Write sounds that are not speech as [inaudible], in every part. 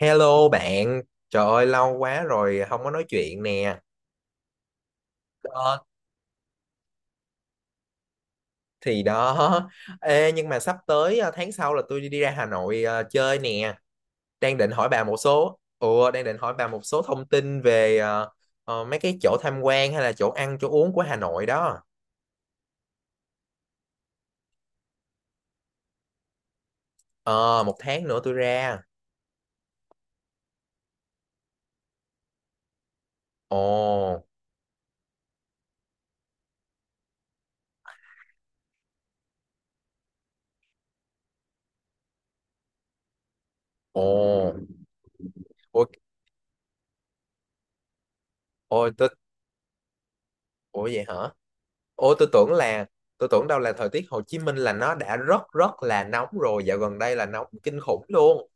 Hello bạn, trời ơi lâu quá rồi không có nói chuyện nè. Ờ, thì đó. Ê, nhưng mà sắp tới tháng sau là tôi đi ra Hà Nội chơi nè. Đang định hỏi bà một số thông tin về mấy cái chỗ tham quan hay là chỗ ăn chỗ uống của Hà Nội đó. Ờ, một tháng nữa tôi ra. Ồ, ồ, ôi, ôi, ủa vậy hả? Ôi, tôi tưởng đâu là thời tiết Hồ Chí Minh là nó đã rất rất là nóng rồi, dạo gần đây là nóng kinh khủng luôn,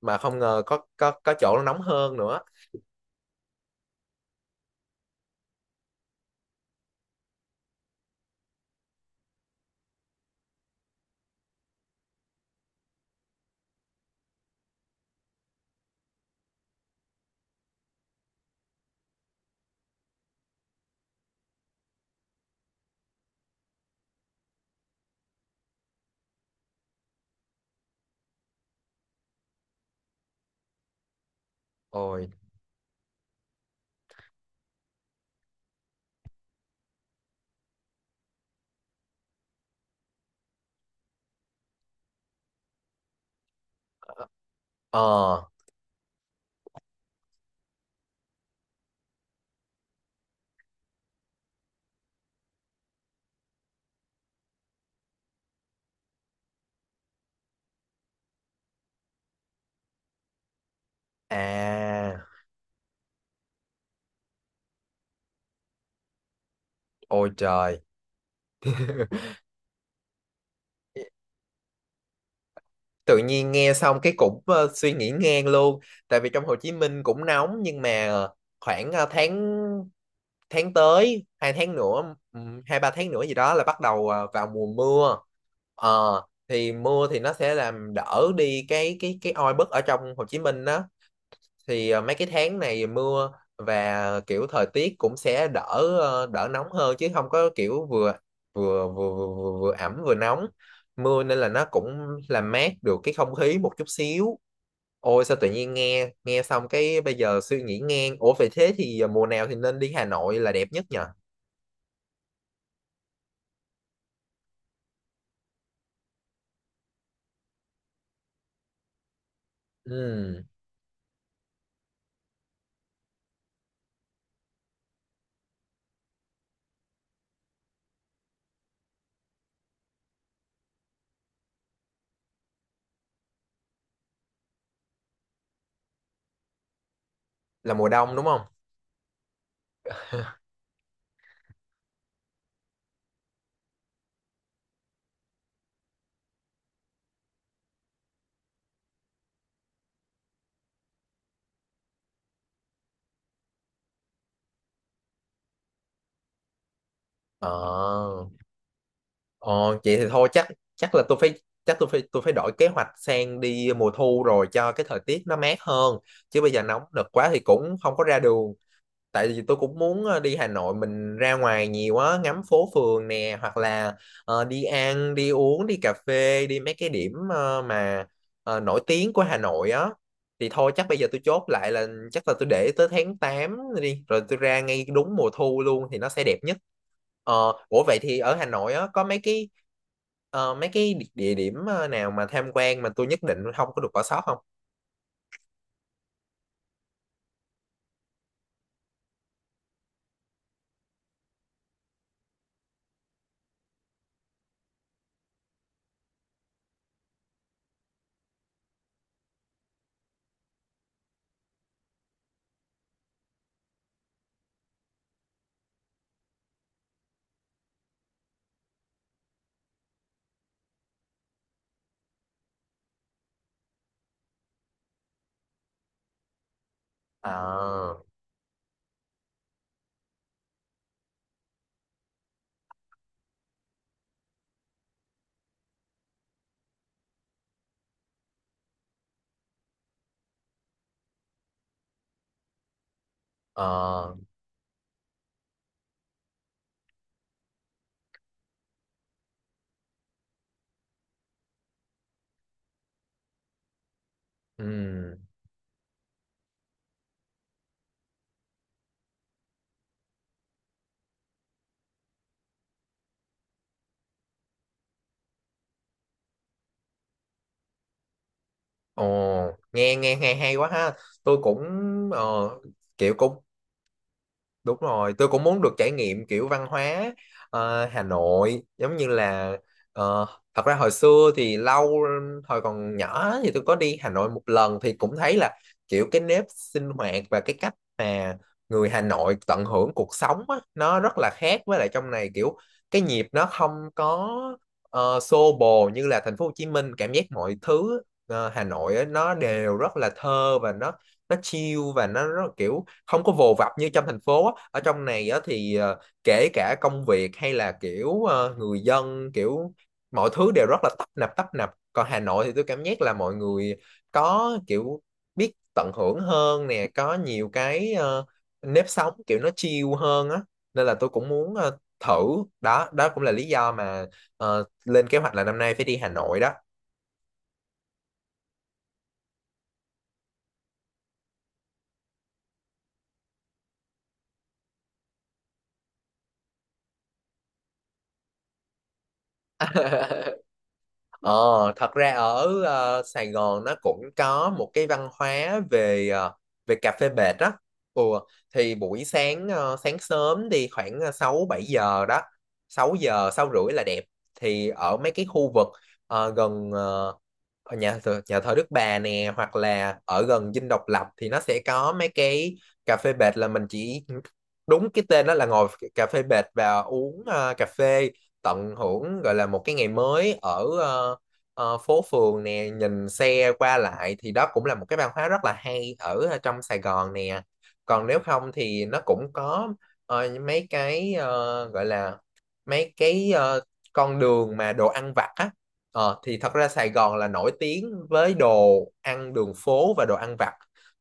mà không ngờ có chỗ nó nóng hơn nữa. Ôi. Ờ. À. Ôi trời. [laughs] Tự nhiên nghe xong cái cũng suy nghĩ ngang luôn. Tại vì trong Hồ Chí Minh cũng nóng, nhưng mà khoảng tháng tháng tới, hai ba tháng nữa gì đó là bắt đầu vào mùa mưa. Ờ, thì mưa thì nó sẽ làm đỡ đi cái oi bức ở trong Hồ Chí Minh đó. Thì mấy cái tháng này mưa, và kiểu thời tiết cũng sẽ đỡ nóng hơn, chứ không có kiểu vừa ẩm vừa nóng. Mưa nên là nó cũng làm mát được cái không khí một chút xíu. Ôi, sao tự nhiên nghe nghe xong cái bây giờ suy nghĩ ngang, ủa vậy thế thì mùa nào thì nên đi Hà Nội là đẹp nhất nhỉ? Ừ, là mùa đông đúng không? Ờ Ờ, vậy thì thôi chắc chắc là tôi phải đổi kế hoạch sang đi mùa thu rồi cho cái thời tiết nó mát hơn, chứ bây giờ nóng nực quá thì cũng không có ra đường. Tại vì tôi cũng muốn đi Hà Nội mình ra ngoài nhiều á, ngắm phố phường nè, hoặc là đi ăn đi uống đi cà phê, đi mấy cái điểm mà nổi tiếng của Hà Nội á. Thì thôi, chắc bây giờ tôi chốt lại là chắc là tôi để tới tháng 8 đi, rồi tôi ra ngay đúng mùa thu luôn thì nó sẽ đẹp nhất. Ờ, ủa vậy thì ở Hà Nội á có mấy cái địa địa điểm nào mà tham quan mà tôi nhất định không có được bỏ sót không? À. Ờ. Ừ. Ồ, nghe nghe hay hay quá ha. Tôi cũng, ờ, kiểu cũng. Đúng rồi, tôi cũng muốn được trải nghiệm kiểu văn hóa Hà Nội, giống như là ờ, thật ra hồi xưa thì lâu, hồi còn nhỏ thì tôi có đi Hà Nội một lần thì cũng thấy là kiểu cái nếp sinh hoạt và cái cách mà người Hà Nội tận hưởng cuộc sống á, nó rất là khác với lại trong này, kiểu cái nhịp nó không có xô bồ như là thành phố Hồ Chí Minh, cảm giác mọi thứ Hà Nội á, nó đều rất là thơ và nó chill và nó rất, kiểu không có vồ vập như trong thành phố á. Ở trong này á, thì kể cả công việc hay là kiểu người dân kiểu mọi thứ đều rất là tấp nập tấp nập, còn Hà Nội thì tôi cảm giác là mọi người có kiểu biết tận hưởng hơn nè, có nhiều cái nếp sống kiểu nó chill hơn á, nên là tôi cũng muốn thử đó. Đó cũng là lý do mà lên kế hoạch là năm nay phải đi Hà Nội đó. [laughs] Ờ, thật ra ở Sài Gòn nó cũng có một cái văn hóa về ờ, về cà phê bệt đó. Ừ, thì buổi sáng, sáng sớm đi khoảng 6 7 giờ đó. Sáu giờ, 6 rưỡi là đẹp. Thì ở mấy cái khu vực gần, ở nhà thờ Đức Bà nè hoặc là ở gần Dinh Độc Lập thì nó sẽ có mấy cái cà phê bệt, là mình chỉ đúng cái tên đó là ngồi cà phê bệt và uống cà phê, tận hưởng gọi là một cái ngày mới ở phố phường nè, nhìn xe qua lại, thì đó cũng là một cái văn hóa rất là hay ở trong Sài Gòn nè. Còn nếu không thì nó cũng có mấy cái gọi là mấy cái con đường mà đồ ăn vặt á. Ờ, thì thật ra Sài Gòn là nổi tiếng với đồ ăn đường phố và đồ ăn vặt.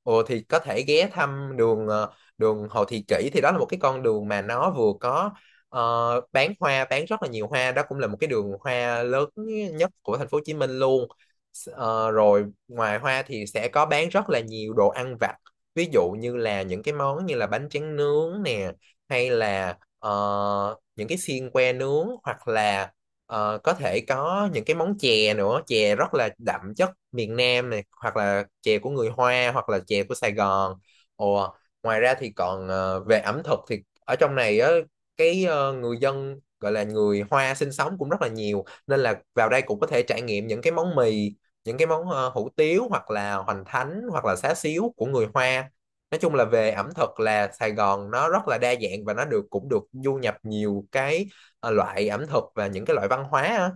Ồ, thì có thể ghé thăm đường Hồ Thị Kỷ, thì đó là một cái con đường mà nó vừa có ờ, bán hoa, bán rất là nhiều hoa, đó cũng là một cái đường hoa lớn nhất của thành phố Hồ Chí Minh luôn. Rồi ngoài hoa thì sẽ có bán rất là nhiều đồ ăn vặt. Ví dụ như là những cái món như là bánh tráng nướng nè, hay là những cái xiên que nướng, hoặc là có thể có những cái món chè nữa, chè rất là đậm chất miền Nam này, hoặc là chè của người Hoa hoặc là chè của Sài Gòn. Ồ, ngoài ra thì còn về ẩm thực thì ở trong này á, cái người dân gọi là người Hoa sinh sống cũng rất là nhiều, nên là vào đây cũng có thể trải nghiệm những cái món mì, những cái món hủ tiếu hoặc là hoành thánh hoặc là xá xíu của người Hoa. Nói chung là về ẩm thực là Sài Gòn nó rất là đa dạng và nó cũng được du nhập nhiều cái loại ẩm thực và những cái loại văn hóa á.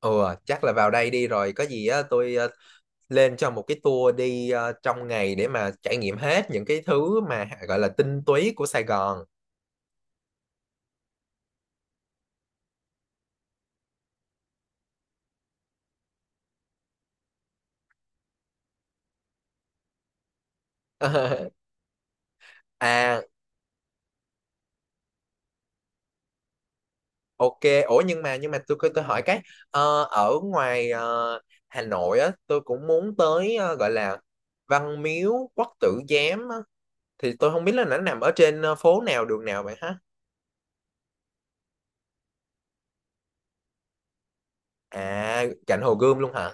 Ừ, chắc là vào đây đi rồi có gì á tôi lên cho một cái tour đi trong ngày để mà trải nghiệm hết những cái thứ mà gọi là tinh túy của Sài Gòn. [laughs] À, ok, ủa nhưng mà tôi hỏi cái ở ngoài Hà Nội á tôi cũng muốn tới gọi là Văn Miếu Quốc Tử Giám á. Thì tôi không biết là nó nằm ở trên phố nào đường nào vậy hả? À, cạnh Hồ Gươm luôn hả?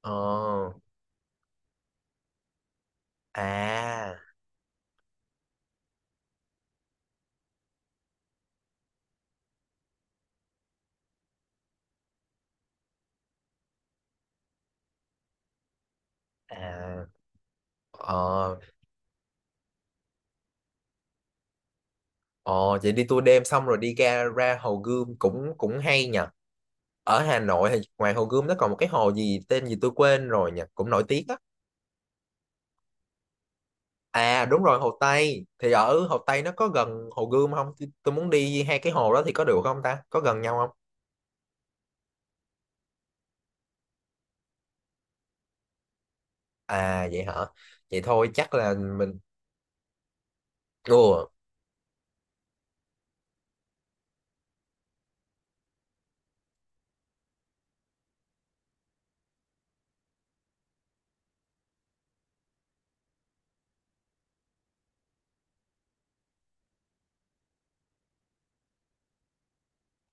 Ờ. À, à. Ờ, ờ, vậy đi tour đêm xong rồi đi ra ra Hồ Gươm cũng cũng hay nhỉ. Ở Hà Nội thì ngoài Hồ Gươm nó còn một cái hồ gì tên gì tôi quên rồi nhỉ, cũng nổi tiếng á. À đúng rồi, Hồ Tây. Thì ở Hồ Tây nó có gần Hồ Gươm không? Tôi muốn đi hai cái hồ đó thì có được không ta? Có gần nhau không? À vậy hả? Vậy thôi chắc là mình. Ủa,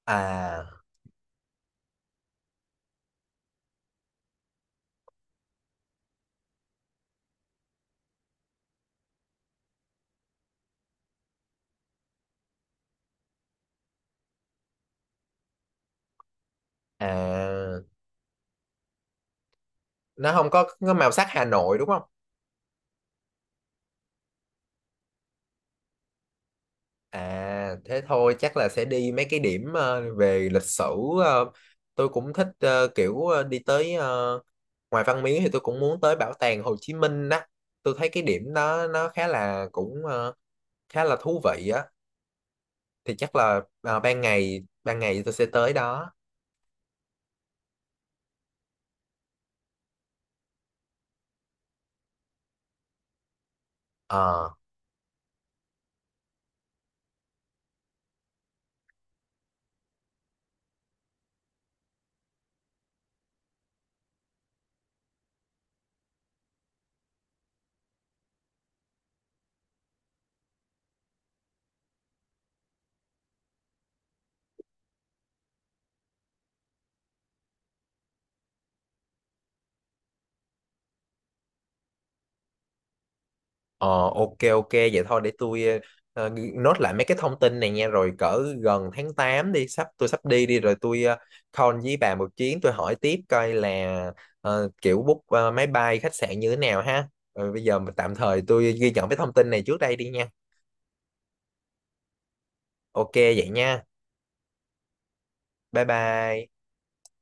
à, à, nó không có màu sắc Hà Nội đúng không? À thế thôi chắc là sẽ đi mấy cái điểm về lịch sử, ờ, tôi cũng thích đi tới, ngoài Văn Miếu thì tôi cũng muốn tới bảo tàng Hồ Chí Minh đó, tôi thấy cái điểm đó nó khá là cũng khá là thú vị á. Thì chắc là ban ngày tôi sẽ tới đó. Ờ. Ờ, ok, ok, vậy thôi để tôi nốt lại mấy cái thông tin này nha, rồi cỡ gần tháng 8 đi, sắp tôi sắp đi đi rồi tôi call với bà một chuyến, tôi hỏi tiếp coi là kiểu book máy bay khách sạn như thế nào ha. Rồi bây giờ mà tạm thời tôi ghi nhận cái thông tin này trước đây đi nha. Ok vậy nha. Bye bye.